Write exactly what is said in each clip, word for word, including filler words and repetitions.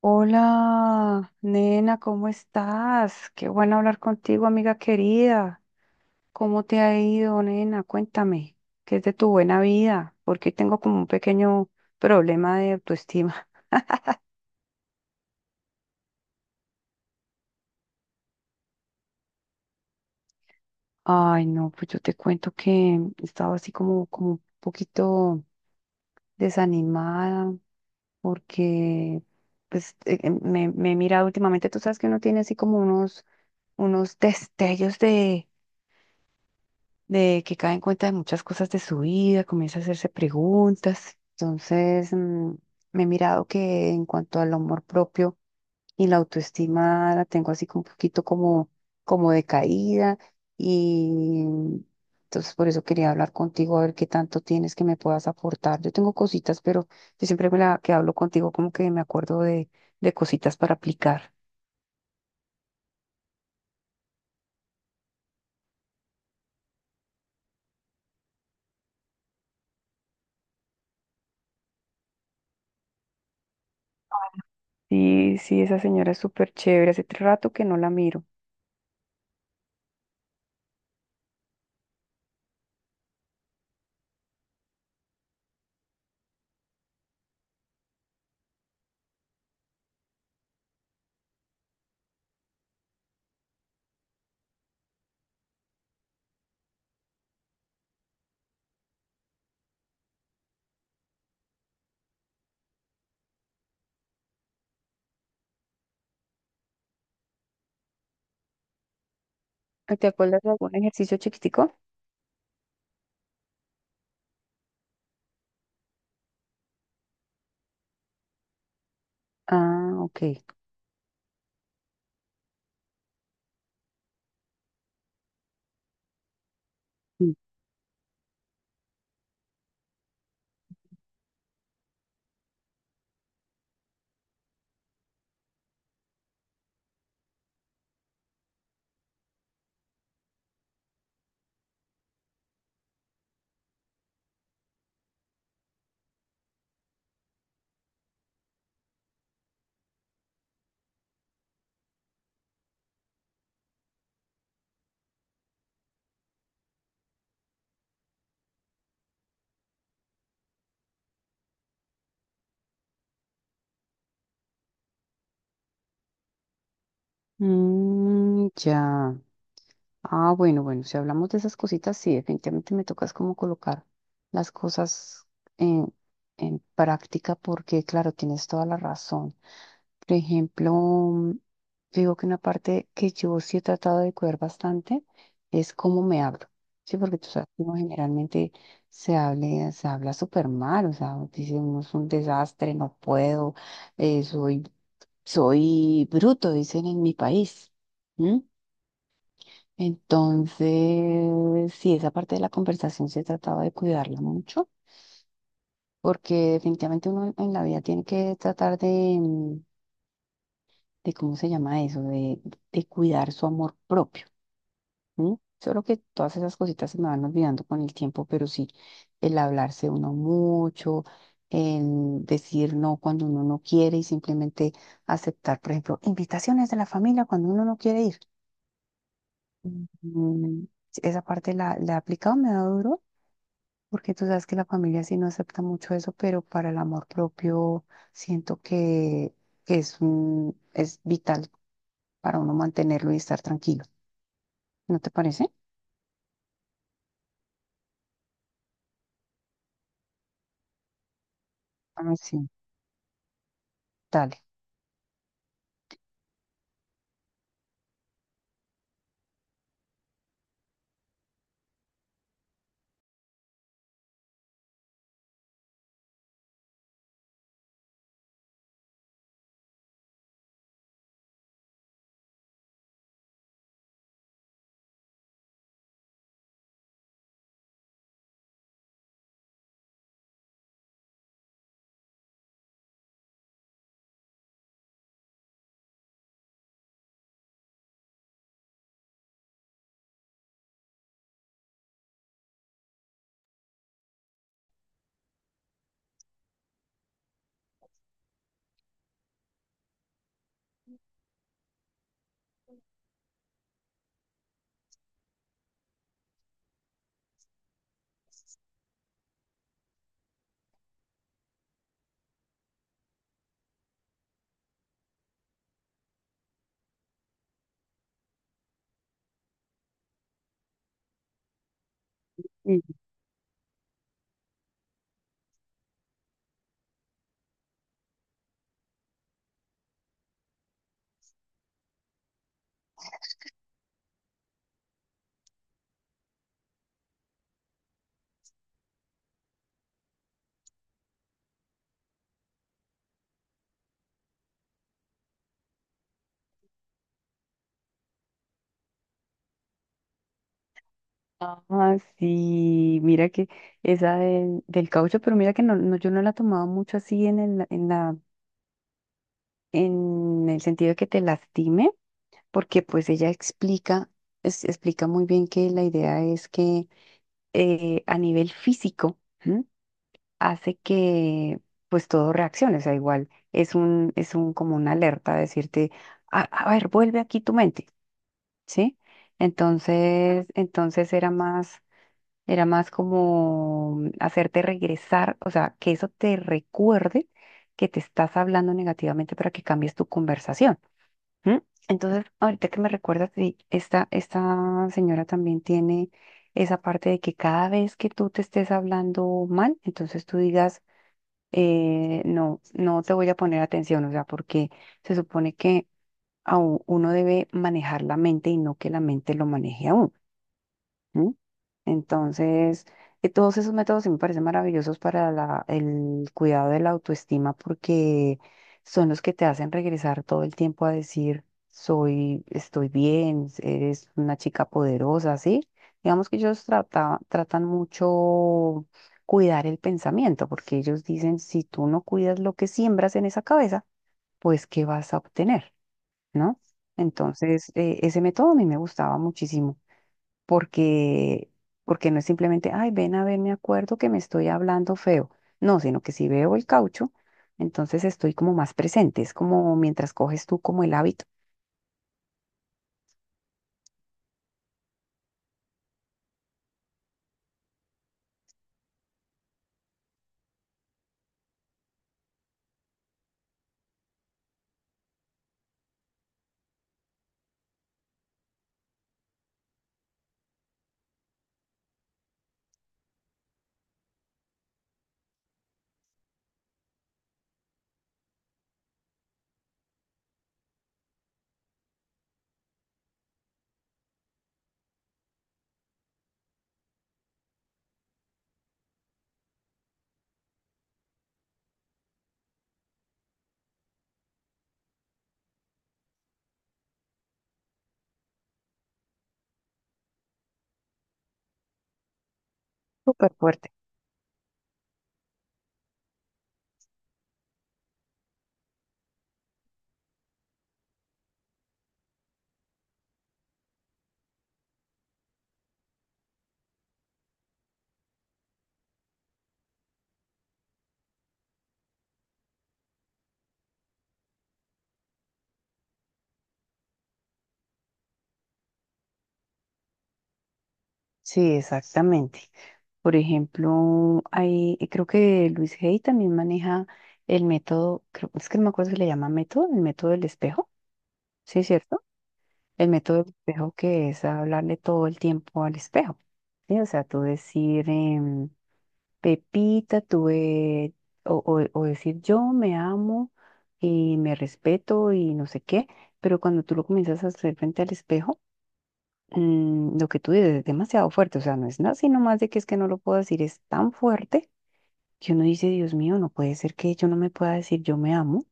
Hola, nena, ¿cómo estás? Qué bueno hablar contigo, amiga querida. ¿Cómo te ha ido, nena? Cuéntame, ¿qué es de tu buena vida? Porque tengo como un pequeño problema de autoestima. Ay, no, pues yo te cuento que estaba así como, como un poquito desanimada porque pues, eh, eh, me, me he mirado últimamente, tú sabes que uno tiene así como unos, unos destellos de de que cae en cuenta de muchas cosas de su vida, comienza a hacerse preguntas. Entonces, mm, me he mirado que en cuanto al amor propio y la autoestima la tengo así como un poquito como, como decaída, y entonces por eso quería hablar contigo a ver qué tanto tienes que me puedas aportar. Yo tengo cositas, pero yo siempre me la- que hablo contigo como que me acuerdo de, de cositas para aplicar. Sí, sí, esa señora es súper chévere. Hace rato que no la miro. ¿Te acuerdas de algún ejercicio chiquitico? Ah, ok. Mm. Mm, ya. Ah, bueno, bueno, si hablamos de esas cositas, sí, definitivamente me tocas como colocar las cosas en, en práctica porque, claro, tienes toda la razón. Por ejemplo, mm, digo que una parte que yo sí he tratado de cuidar bastante es cómo me hablo. Sí, porque tú sabes que uno generalmente se hable, se habla súper mal, o sea, dice uno es un desastre, no puedo, eh, soy soy bruto, dicen en mi país. ¿M? Entonces, sí, esa parte de la conversación se trataba de cuidarla mucho, porque definitivamente uno en la vida tiene que tratar de, mm, de ¿cómo se llama eso? De, de cuidar su amor propio. ¿M? Solo que todas esas cositas se me van olvidando con el tiempo, pero sí, el hablarse uno mucho, el decir no cuando uno no quiere y simplemente aceptar, por ejemplo, invitaciones de la familia cuando uno no quiere ir. Mm, sí. Esa parte la, la he aplicado, me da duro, porque tú sabes que la familia sí no acepta mucho eso, pero para el amor propio siento que, que es, un- es vital para uno mantenerlo y estar tranquilo. ¿No te parece? Ah, sí. Dale. Mm. Ah, sí, mira que esa del, del caucho, pero mira que no, no, yo no la tomaba mucho así en el, en la, en el sentido de que te lastime, porque pues ella explica, es- explica muy bien que la idea es que eh, a nivel físico, ¿m? Hace que pues todo reaccione, o sea, igual es un, es un como una alerta a decirte, a, a ver, vuelve aquí tu mente, ¿sí? Entonces, entonces era más, era más como hacerte regresar, o sea, que eso te recuerde que te estás hablando negativamente para que cambies tu conversación. ¿Mm? Entonces, ahorita que me recuerdas, sí, esta, esta señora también tiene esa parte de que cada vez que tú te estés hablando mal, entonces tú digas, eh, no, no te voy a poner atención, o sea, porque se supone que a u- uno debe manejar la mente y no que la mente lo maneje a uno. ¿Mm? Entonces, eh, todos esos métodos sí me parecen maravillosos para la- el cuidado de la autoestima porque son los que te hacen regresar todo el tiempo a decir, soy, estoy bien, eres una chica poderosa, ¿sí? Digamos que ellos trata- tratan mucho cuidar el pensamiento porque ellos dicen, si tú no cuidas lo que siembras en esa cabeza, pues ¿qué vas a obtener? ¿No? Entonces, eh, ese método a mí me gustaba muchísimo porque, porque no es simplemente, ay, ven a ver, me acuerdo que me estoy hablando feo. No, sino que si veo el caucho, entonces estoy como más presente. Es como mientras coges tú como el hábito. Súper fuerte. Sí, exactamente. Por ejemplo, hay, eh, creo que Luis Hay también maneja el método, creo, es que no me acuerdo si le llama método, el método del espejo, ¿sí es cierto? El método del espejo que es hablarle todo el tiempo al espejo, ¿sí? O sea, tú decir, em, Pepita, tuve, o, o- o decir yo me amo y me respeto y no sé qué, pero cuando tú lo comienzas a hacer frente al espejo, mm, lo que tú dices es demasiado fuerte, o sea, no es nada, sino más de que es que no lo puedo decir, es tan fuerte que uno dice, Dios mío, no puede ser que yo no me pueda decir yo me amo,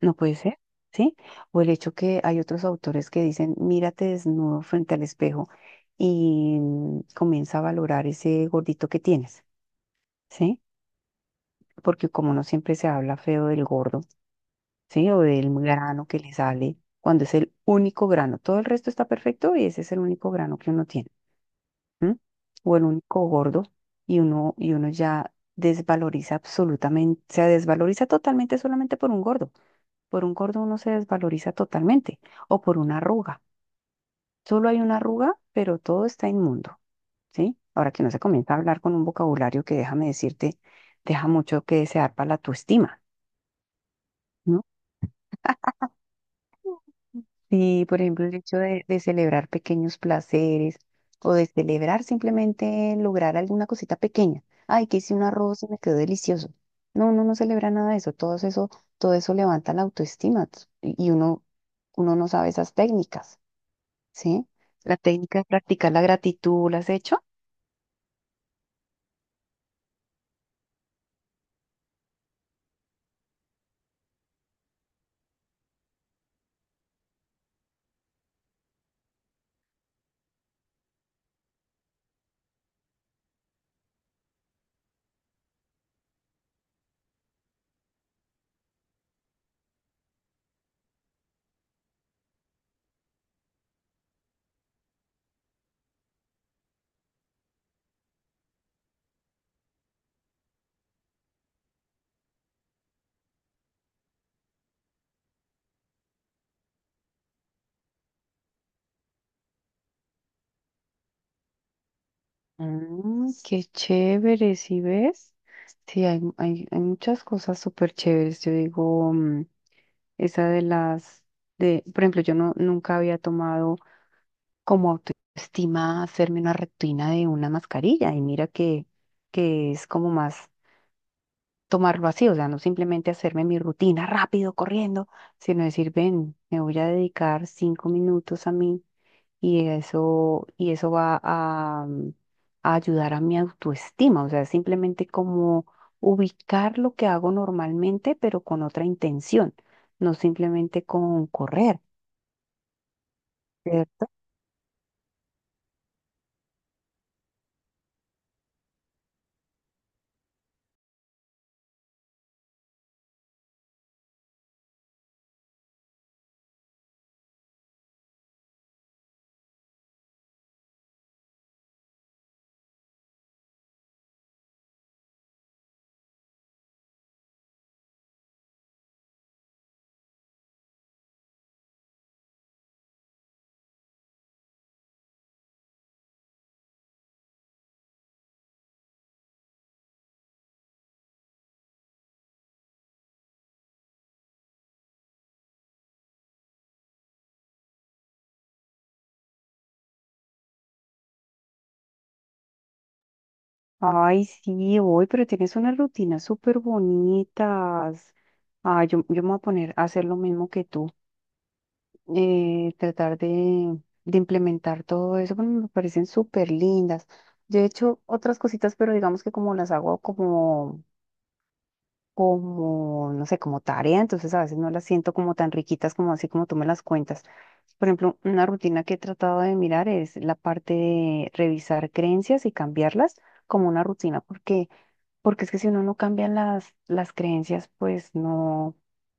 no puede ser, ¿sí? O el hecho que hay otros autores que dicen, mírate desnudo frente al espejo y mm, comienza a valorar ese gordito que tienes, ¿sí? Porque como no siempre se habla feo del gordo, ¿sí? O del grano que le sale, cuando es el único grano, todo el resto está perfecto y ese es el único grano que uno tiene, ¿m? O el único gordo y uno, y uno ya desvaloriza absolutamente, se desvaloriza totalmente solamente por un gordo. Por un gordo uno se desvaloriza totalmente o por una arruga. Solo hay una arruga, pero todo está inmundo, ¿sí? Ahora que no se comienza a hablar con un vocabulario que déjame decirte, deja mucho que desear para la autoestima. ¿No? Sí, por ejemplo, el hecho de, de celebrar pequeños placeres o de celebrar simplemente lograr alguna cosita pequeña. Ay, que hice un arroz y me quedó delicioso. No, uno no celebra nada de eso. Todo eso, todo eso levanta la autoestima t- y uno, uno no sabe esas técnicas, ¿sí? La técnica de practicar la gratitud, ¿la has hecho? Mm, qué chévere, ¿sí ves? Sí, hay, hay, hay muchas cosas súper chéveres. Yo digo, mm, esa de las, de, por ejemplo, yo no, nunca había tomado como autoestima hacerme una rutina de una mascarilla y mira que, que es como más tomarlo así, o sea, no simplemente hacerme mi rutina rápido, corriendo, sino decir, ven, me voy a dedicar cinco minutos a mí, y eso, y eso va a, mm, a ayudar a mi autoestima, o sea, simplemente como ubicar lo que hago normalmente, pero con otra intención, no simplemente con correr. ¿Cierto? Ay, sí, voy, pero tienes unas rutinas súper bonitas. Ah, yo, yo me voy a poner a hacer lo mismo que tú, eh, tratar de, de implementar todo eso, porque me parecen súper lindas. Yo he hecho otras cositas, pero digamos que como las hago como, como, no sé, como tarea, entonces a veces no las siento como tan riquitas como así como tú me las cuentas. Por ejemplo, una rutina que he tratado de mirar es la parte de revisar creencias y cambiarlas como una rutina, porque... Porque es que si uno no cambia las, las creencias, pues no,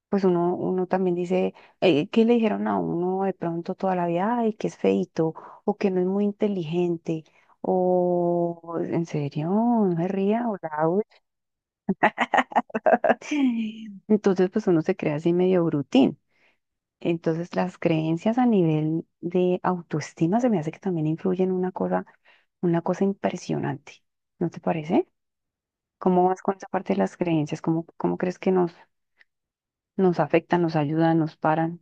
pues uno, uno también dice, eh, ¿qué le dijeron a uno de pronto toda la vida? Ay, que es feíto, o que no es muy inteligente, o en serio, no se ría, o la Entonces, pues uno se crea así medio brutín. Entonces, las creencias a nivel de autoestima se me hace que también influyen una cosa, una cosa impresionante. ¿No te parece? ¿Cómo vas con esa parte de las creencias? ¿Cómo, cómo crees que nos, nos afectan, nos ayudan, nos paran?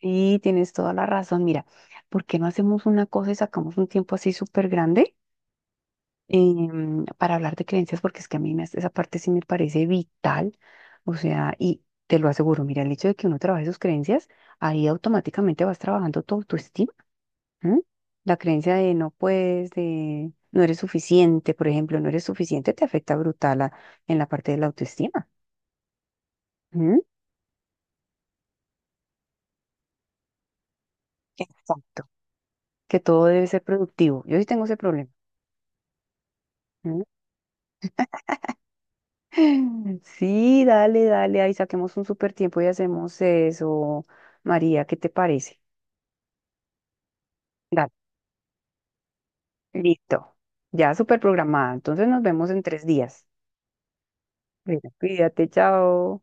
Sí, tienes toda la razón. Mira, ¿por qué no hacemos una cosa y sacamos un tiempo así súper grande, em, para hablar de creencias? Porque es que a mí me hace- esa parte sí me parece vital. O sea, y te lo aseguro, mira, el hecho de que uno trabaje sus creencias, ahí automáticamente vas trabajando tu autoestima. ¿M? La creencia de no puedes, de no eres suficiente, por ejemplo, no eres suficiente, te afecta brutal a- en la parte de la autoestima. ¿M? Exacto. Que todo debe ser productivo. Yo sí tengo ese problema. ¿Mm? Sí, dale, dale, ahí saquemos un súper tiempo y hacemos eso. María, ¿qué te parece? Dale, listo. Ya súper programada. Entonces nos vemos en tres días. Bueno, cuídate, chao.